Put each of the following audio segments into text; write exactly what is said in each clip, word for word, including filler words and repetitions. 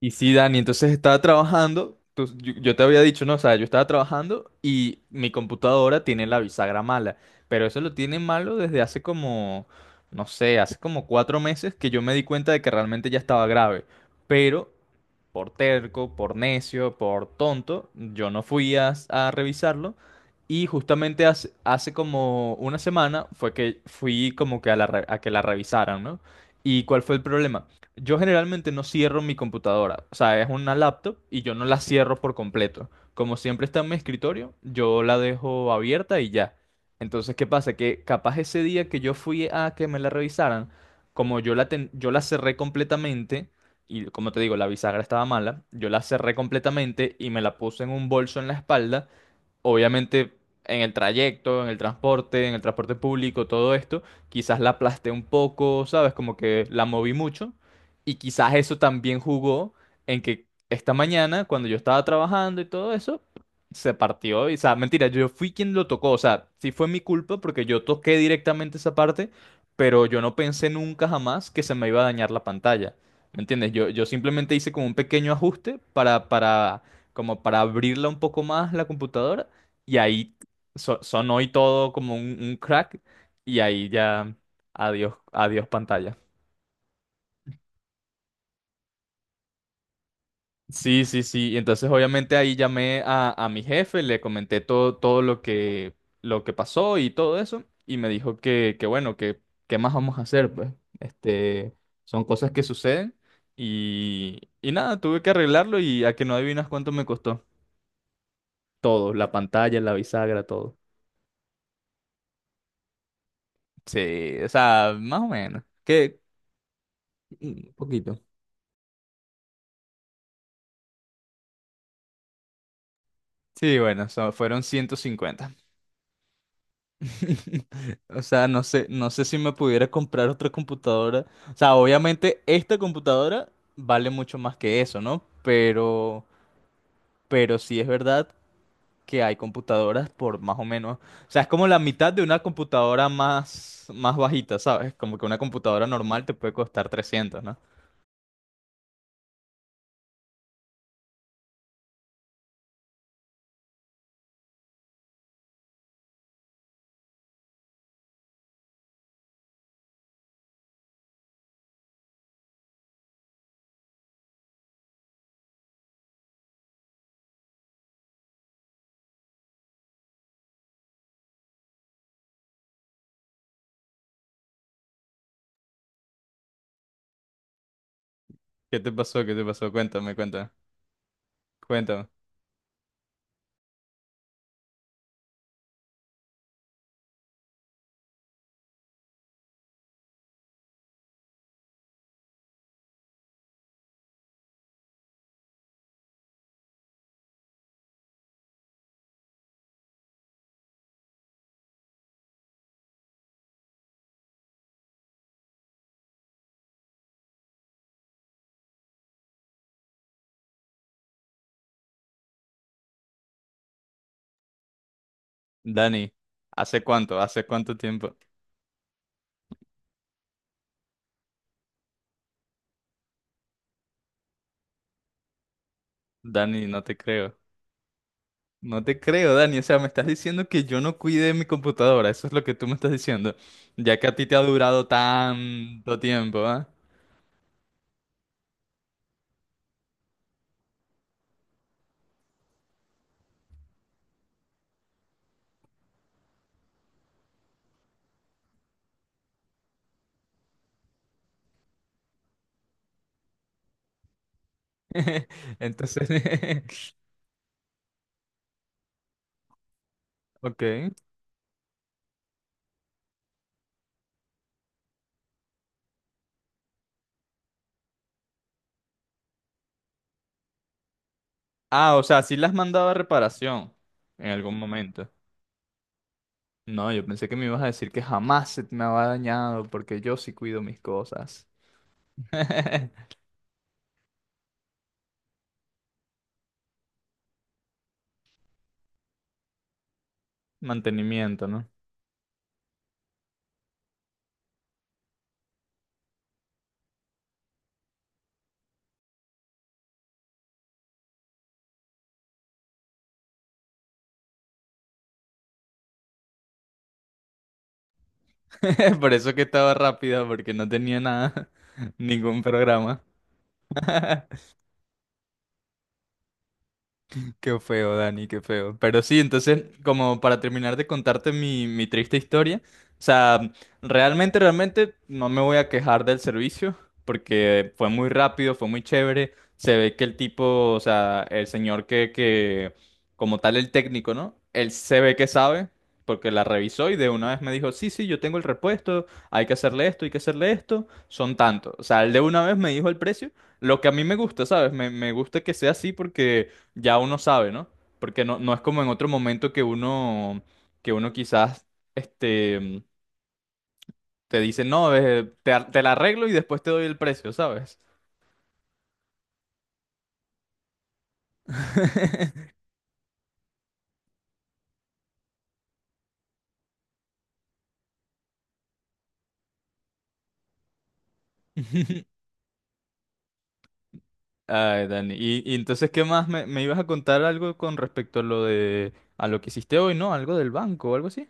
Y sí, Dani, entonces estaba trabajando, tú- yo, yo te había dicho, no, o sea, yo estaba trabajando y mi computadora tiene la bisagra mala, pero eso lo tiene malo desde hace como, no sé, hace como cuatro meses que yo me di cuenta de que realmente ya estaba grave, pero por terco, por necio, por tonto, yo no fui a, a revisarlo. Y justamente hace, hace como una semana fue que fui como que a, la re- a que la revisaran, ¿no? ¿Y cuál fue el problema? Yo generalmente no cierro mi computadora, o sea, es una laptop y yo no la cierro por completo. Como siempre está en mi escritorio, yo la dejo abierta y ya. Entonces, ¿qué pasa? Que capaz ese día que yo fui a que me la revisaran, como yo la, ten- yo la cerré completamente, y como te digo, la bisagra estaba mala, yo la cerré completamente y me la puse en un bolso en la espalda, obviamente. En el trayecto, en el transporte, en el transporte público, todo esto, quizás la aplasté un poco, ¿sabes? Como que la moví mucho y quizás eso también jugó en que esta mañana, cuando yo estaba trabajando y todo eso, se partió. Y, o sea, mentira, yo fui quien lo tocó, o sea, sí fue mi culpa porque yo toqué directamente esa parte, pero yo no pensé nunca jamás que se me iba a dañar la pantalla. ¿Me entiendes? Yo, yo simplemente hice como un pequeño ajuste para, para, como para abrirla un poco más la computadora y ahí so- sonó y todo como un, un crack Y ahí ya adiós, adiós pantalla. Sí, sí, sí. Y entonces obviamente ahí llamé a, a mi jefe, le comenté todo, todo lo que, lo que pasó y todo eso y me dijo que, que bueno, que qué más vamos a hacer, pues. Este, Son cosas que suceden y, y nada, tuve que arreglarlo y a que no adivinas cuánto me costó. Todo, la pantalla, la bisagra, todo. Sí, o sea, más o menos. Que un poquito. Sí, bueno, so- fueron ciento cincuenta. O sea, no sé, no sé si me pudiera comprar otra computadora. O sea, obviamente esta computadora vale mucho más que eso, ¿no? Pero, pero sí es verdad que hay computadoras por más o menos. O sea, es como la mitad de una computadora más, más bajita, ¿sabes? Como que una computadora normal te puede costar trescientos, ¿no? ¿Qué te pasó? ¿Qué te pasó? Cuéntame, cuéntame. Cuéntame. Dani, ¿hace cuánto? ¿Hace cuánto tiempo? Dani, no te creo. No te creo, Dani. O sea, me estás diciendo que yo no cuide mi computadora. Eso es lo que tú me estás diciendo. Ya que a ti te ha durado tanto tiempo, ¿ah? Entonces, ok. Ah, o sea, sí la has mandado a reparación en algún momento. No, yo pensé que me ibas a decir que jamás se me había dañado porque yo sí cuido mis cosas. Mantenimiento, ¿no? Por eso que estaba rápida porque no tenía nada, ningún programa. Qué feo, Dani, qué feo. Pero sí, entonces, como para terminar de contarte mi, mi triste historia, o sea, realmente, realmente no me voy a quejar del servicio, porque fue muy rápido, fue muy chévere. Se ve que el tipo, o sea, el señor que, que, como tal, el técnico, ¿no? Él se ve que sabe, porque la revisó y de una vez me dijo, sí, sí, yo tengo el repuesto, hay que hacerle esto, hay que hacerle esto, son tantos. O sea, él de una vez me dijo el precio. Lo que a mí me gusta, ¿sabes? Me, me gusta que sea así porque ya uno sabe, ¿no? Porque no, no es como en otro momento que uno, que uno quizás, este, te dice, no, eh, te, ar- te la arreglo y después te doy el precio, ¿sabes? Ay, Dani. Y, y entonces, ¿qué más? Me, me ibas a contar algo con respecto a lo de, a lo que hiciste hoy, ¿no? Algo del banco o algo así.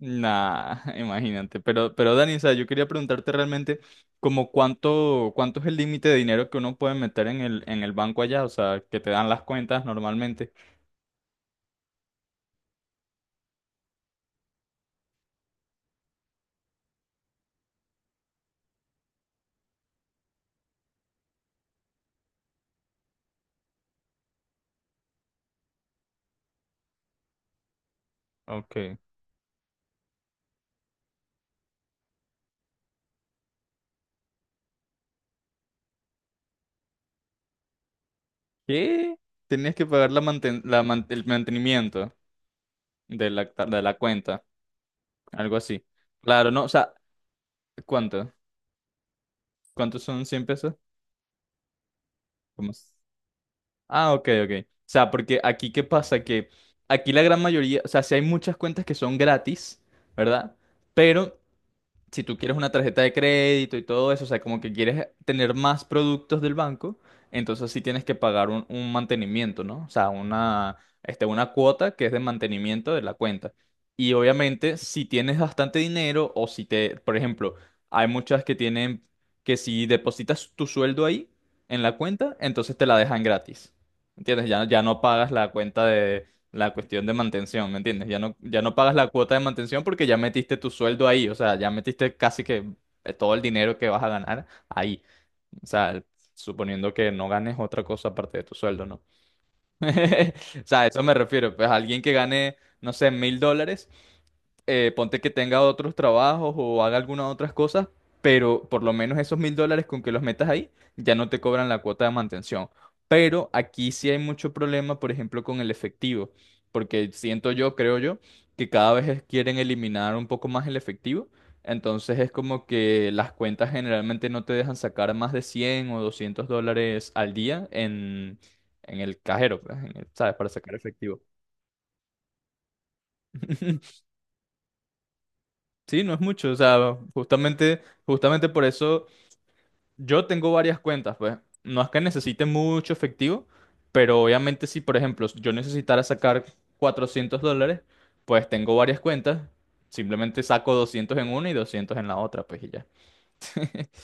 Nah, imagínate. Pero, pero Dani, o sea, yo quería preguntarte realmente como cuánto, cuánto es el límite de dinero que uno puede meter en el, en el banco allá, o sea, que te dan las cuentas normalmente. Ok. ¿Qué? Tenías que pagar la manten- la man- el mantenimiento de la, ta- de la cuenta, algo así. Claro, no, o sea, ¿cuánto? ¿Cuántos son cien pesos? ¿Cómo es? Ah, ok, ok. O sea, porque aquí, ¿qué pasa? Que aquí la gran mayoría, o sea, sí hay muchas cuentas que son gratis, ¿verdad? Pero si tú quieres una tarjeta de crédito y todo eso, o sea, como que quieres tener más productos del banco, entonces sí tienes que pagar un, un mantenimiento, ¿no? O sea, una, este, una cuota que es de mantenimiento de la cuenta. Y obviamente, si tienes bastante dinero o si te, por ejemplo, hay muchas que tienen que si depositas tu sueldo ahí en la cuenta, entonces te la dejan gratis. ¿Entiendes? Ya, ya no pagas la cuenta de, la cuestión de mantención, ¿me entiendes? Ya no, ya no pagas la cuota de mantención porque ya metiste tu sueldo ahí, o sea, ya metiste casi que eh, todo el dinero que vas a ganar ahí, o sea, suponiendo que no ganes otra cosa aparte de tu sueldo, ¿no? O sea, a eso me refiero, pues alguien que gane, no sé, mil dólares, eh, ponte que tenga otros trabajos o haga algunas otras cosas, pero por lo menos esos mil dólares con que los metas ahí ya no te cobran la cuota de mantención. Pero aquí sí hay mucho problema, por ejemplo, con el efectivo, porque siento yo, creo yo, que cada vez es- quieren eliminar un poco más el efectivo. Entonces es como que las cuentas generalmente no te dejan sacar más de cien o doscientos dólares al día en, en el cajero, pues, en el- ¿sabes? Para sacar efectivo. Sí, no es mucho, o sea, justamente, justamente por eso yo tengo varias cuentas, pues. No es que necesite mucho efectivo, pero obviamente si, por ejemplo, yo necesitara sacar cuatrocientos dólares, pues tengo varias cuentas, simplemente saco doscientos en una y doscientos en la otra, pues y ya.